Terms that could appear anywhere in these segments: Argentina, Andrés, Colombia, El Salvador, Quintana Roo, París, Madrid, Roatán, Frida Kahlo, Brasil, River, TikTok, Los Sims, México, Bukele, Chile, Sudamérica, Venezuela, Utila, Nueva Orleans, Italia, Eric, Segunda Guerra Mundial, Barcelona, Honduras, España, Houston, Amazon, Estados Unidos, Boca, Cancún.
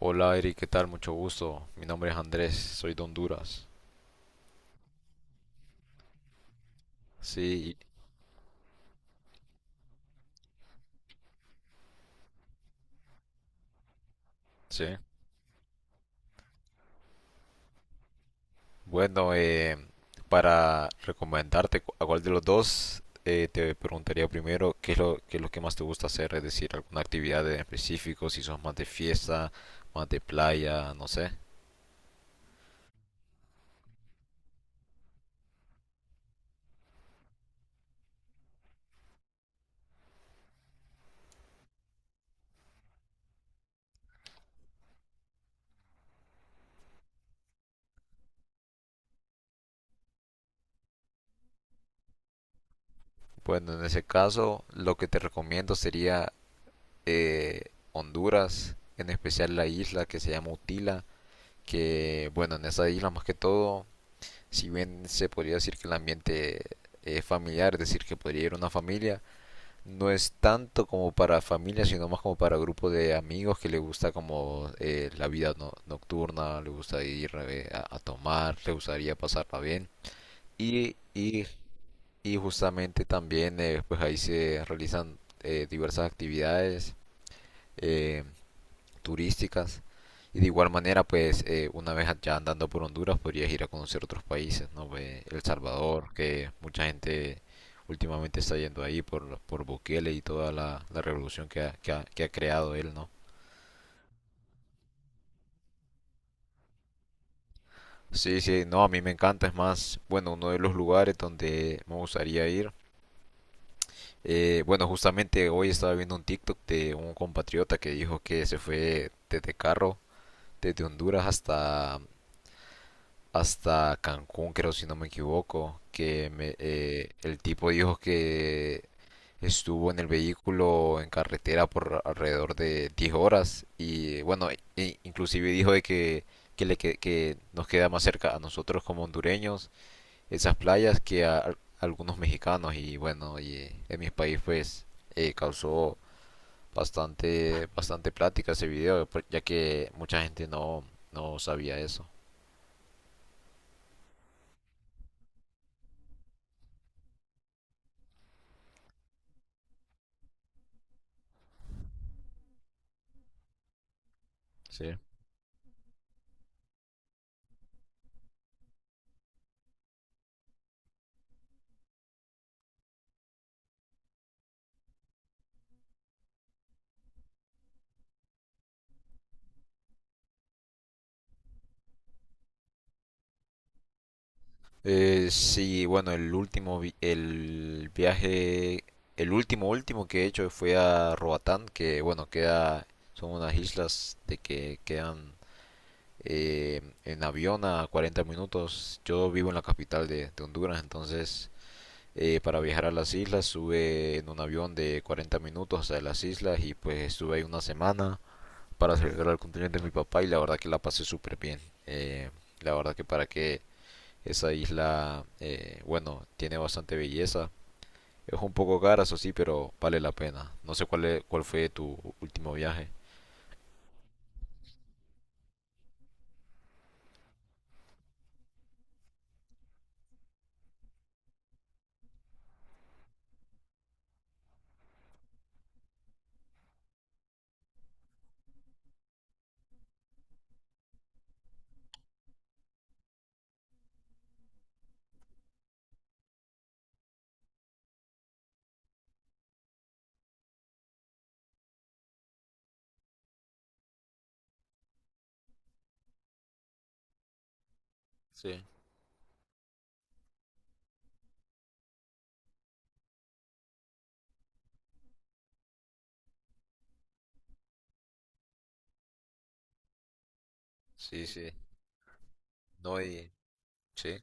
Hola Eric, ¿qué tal? Mucho gusto. Mi nombre es Andrés, soy de Honduras. Sí, sí. Bueno, para recomendarte a cuál de los dos, te preguntaría primero qué es lo que más te gusta hacer, es decir, alguna actividad en específico, si sos más de fiesta, más de playa, no sé. Bueno, en ese caso, lo que te recomiendo sería eh, Honduras, en especial la isla que se llama Utila, que bueno, en esa isla más que todo, si bien se podría decir que el ambiente familiar, es decir, que podría ir una familia, no es tanto como para familia, sino más como para grupo de amigos que le gusta, como la vida nocturna, le gusta ir a tomar, le gustaría pasarla bien. Y, y, y justamente también, pues ahí se realizan diversas actividades eh, turísticas. Y de igual manera, pues una vez ya andando por Honduras podrías ir a conocer otros países, ¿no? Ve El Salvador, que mucha gente últimamente está yendo ahí por Bukele y toda la revolución que ha creado él, ¿no? Sí, sí, no, a mí me encanta, es más, bueno, uno de los lugares donde me gustaría ir. Bueno, justamente hoy estaba viendo un TikTok de un compatriota que dijo que se fue desde carro, desde Honduras hasta Cancún, creo, si no me equivoco, el tipo dijo que estuvo en el vehículo en carretera por alrededor de 10 horas y bueno, inclusive dijo de que nos queda más cerca a nosotros como hondureños esas playas que a, algunos mexicanos y bueno, y en mi país pues causó bastante plática ese video, ya que mucha gente no, no sabía eso. Sí. Sí, bueno, el último, vi- el viaje, el último que he hecho fue a Roatán, que bueno, queda, son unas islas de que quedan en avión a 40 minutos. Yo vivo en la capital de Honduras, entonces para viajar a las islas sube en un avión de 40 minutos hasta las islas y pues estuve ahí una semana para celebrar el cumpleaños de mi papá y la verdad que la pasé súper bien. Eh, la verdad que para qué, esa isla, bueno, tiene bastante belleza. Es un poco cara, eso sí, pero vale la pena. No sé cuál fue tu último viaje. Sí, sí, sí. No, y... Sí.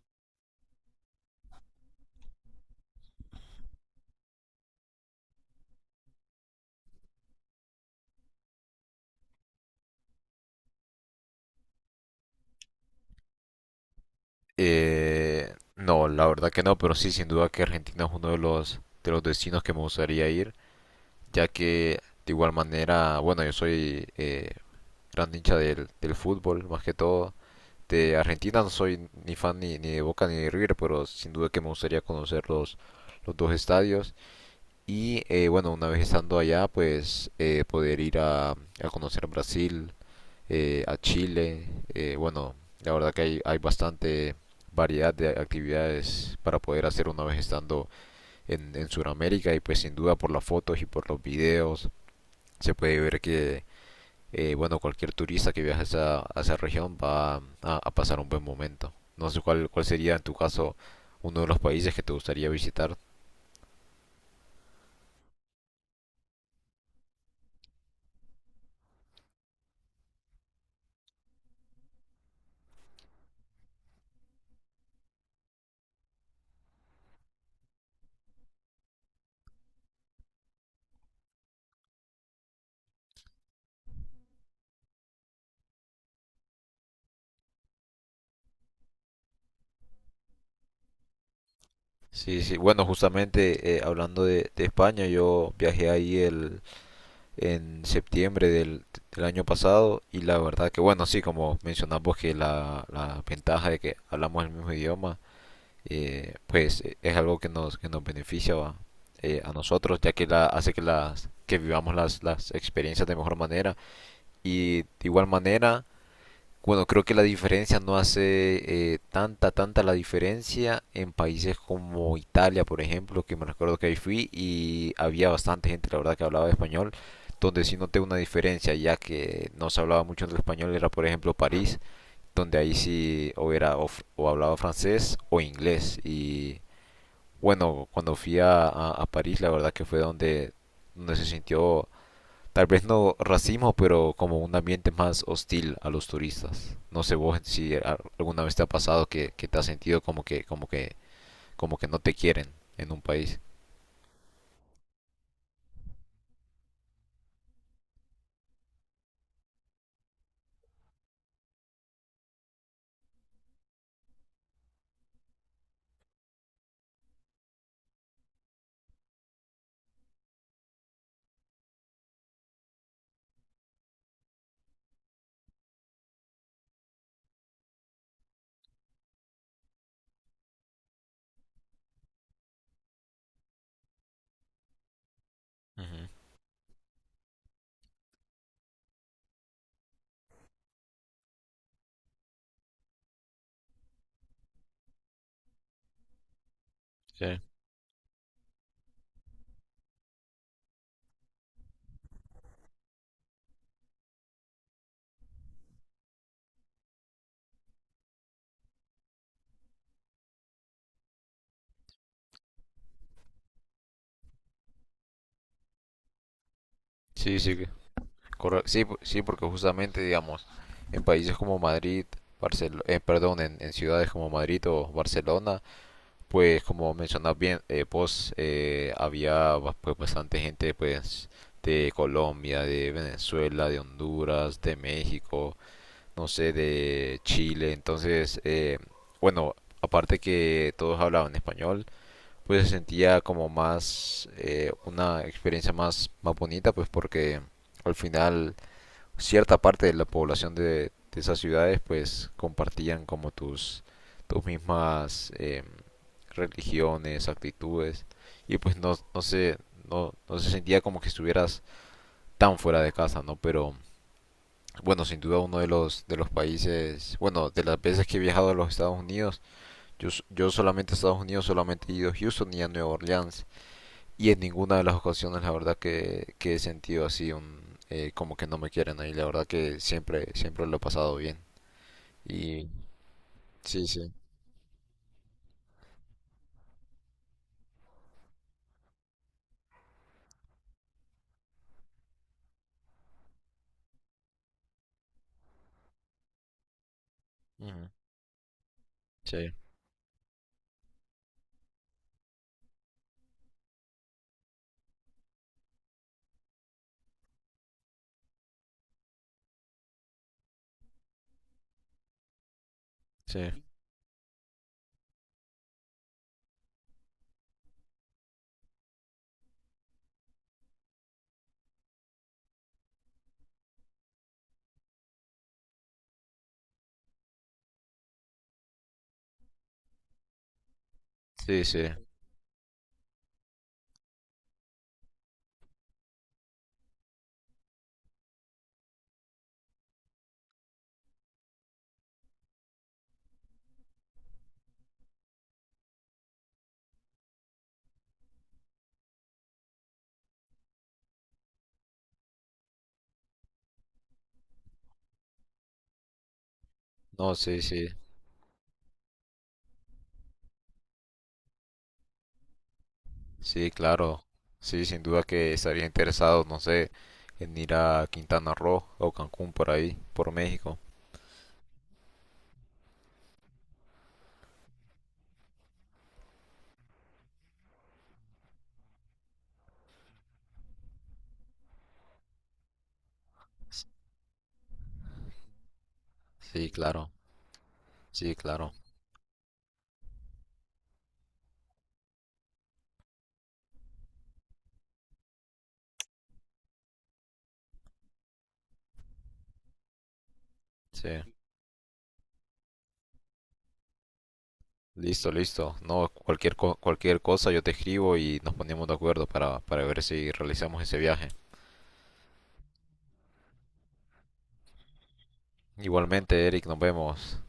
No, la verdad que no, pero sí, sin duda que Argentina es uno de de los destinos que me gustaría ir, ya que de igual manera, bueno, yo soy gran hincha del fútbol, más que todo. De Argentina no soy ni fan ni, ni de Boca ni de River, pero sin duda que me gustaría conocer los dos estadios. Y bueno, una vez estando allá, pues poder ir a conocer Brasil, a Chile. Bueno, la verdad que hay bastante variedad de actividades para poder hacer una vez estando en Sudamérica y pues sin duda por las fotos y por los videos se puede ver que bueno, cualquier turista que viaje a a esa región va a pasar un buen momento. No sé cuál sería en tu caso uno de los países que te gustaría visitar. Sí, sí, bueno, justamente hablando de España, yo viajé ahí en septiembre del año pasado y la verdad que bueno, sí, como mencionamos que la ventaja de que hablamos el mismo idioma, pues es algo que nos beneficia, ¿va? A nosotros, ya que hace que vivamos las experiencias de mejor manera. Y de igual manera, bueno, creo que la diferencia no hace tanta la diferencia en países como Italia, por ejemplo, que me recuerdo que ahí fui y había bastante gente, la verdad, que hablaba español, donde sí noté una diferencia, ya que no se hablaba mucho del español, era por ejemplo París, donde ahí sí o hablaba francés o inglés, y bueno, cuando fui a París, la verdad que fue donde se sintió, tal vez no racismo, pero como un ambiente más hostil a los turistas. No sé vos si alguna vez te ha pasado que te has sentido como que no te quieren en un país. Ujú. Sí. Sí, sí, correcto. Sí, sí, porque justamente, digamos, en países como Madrid, perdón, en ciudades como Madrid o Barcelona, pues como mencionas bien, vos, pues bastante gente, pues de Colombia, de Venezuela, de Honduras, de México, no sé, de Chile. Entonces, bueno, aparte que todos hablaban español, pues se sentía como más una experiencia más bonita, pues porque al final cierta parte de la población de esas ciudades pues compartían como tus mismas religiones, actitudes, y pues no se sentía como que estuvieras tan fuera de casa, ¿no? Pero bueno, sin duda uno de de los países, bueno, de las veces que he viajado a los Estados Unidos, yo solamente a Estados Unidos, solamente he ido a Houston y a Nueva Orleans, y en ninguna de las ocasiones la verdad que he sentido así un como que no me quieren ahí, la verdad que siempre, siempre lo he pasado bien. Y sí, sí. Ujú. Sí, sí. Sí, sí. No, sí, sí. Sí, claro. Sí, sin duda que estaría interesado, no sé, en ir a Quintana Roo o Cancún por ahí, por México. S- Sí, claro. Sí, claro. Sí. Listo, listo. No, cualquier cualquier cosa yo te escribo y nos ponemos de acuerdo para ver si realizamos ese viaje. Igualmente, Eric, nos vemos.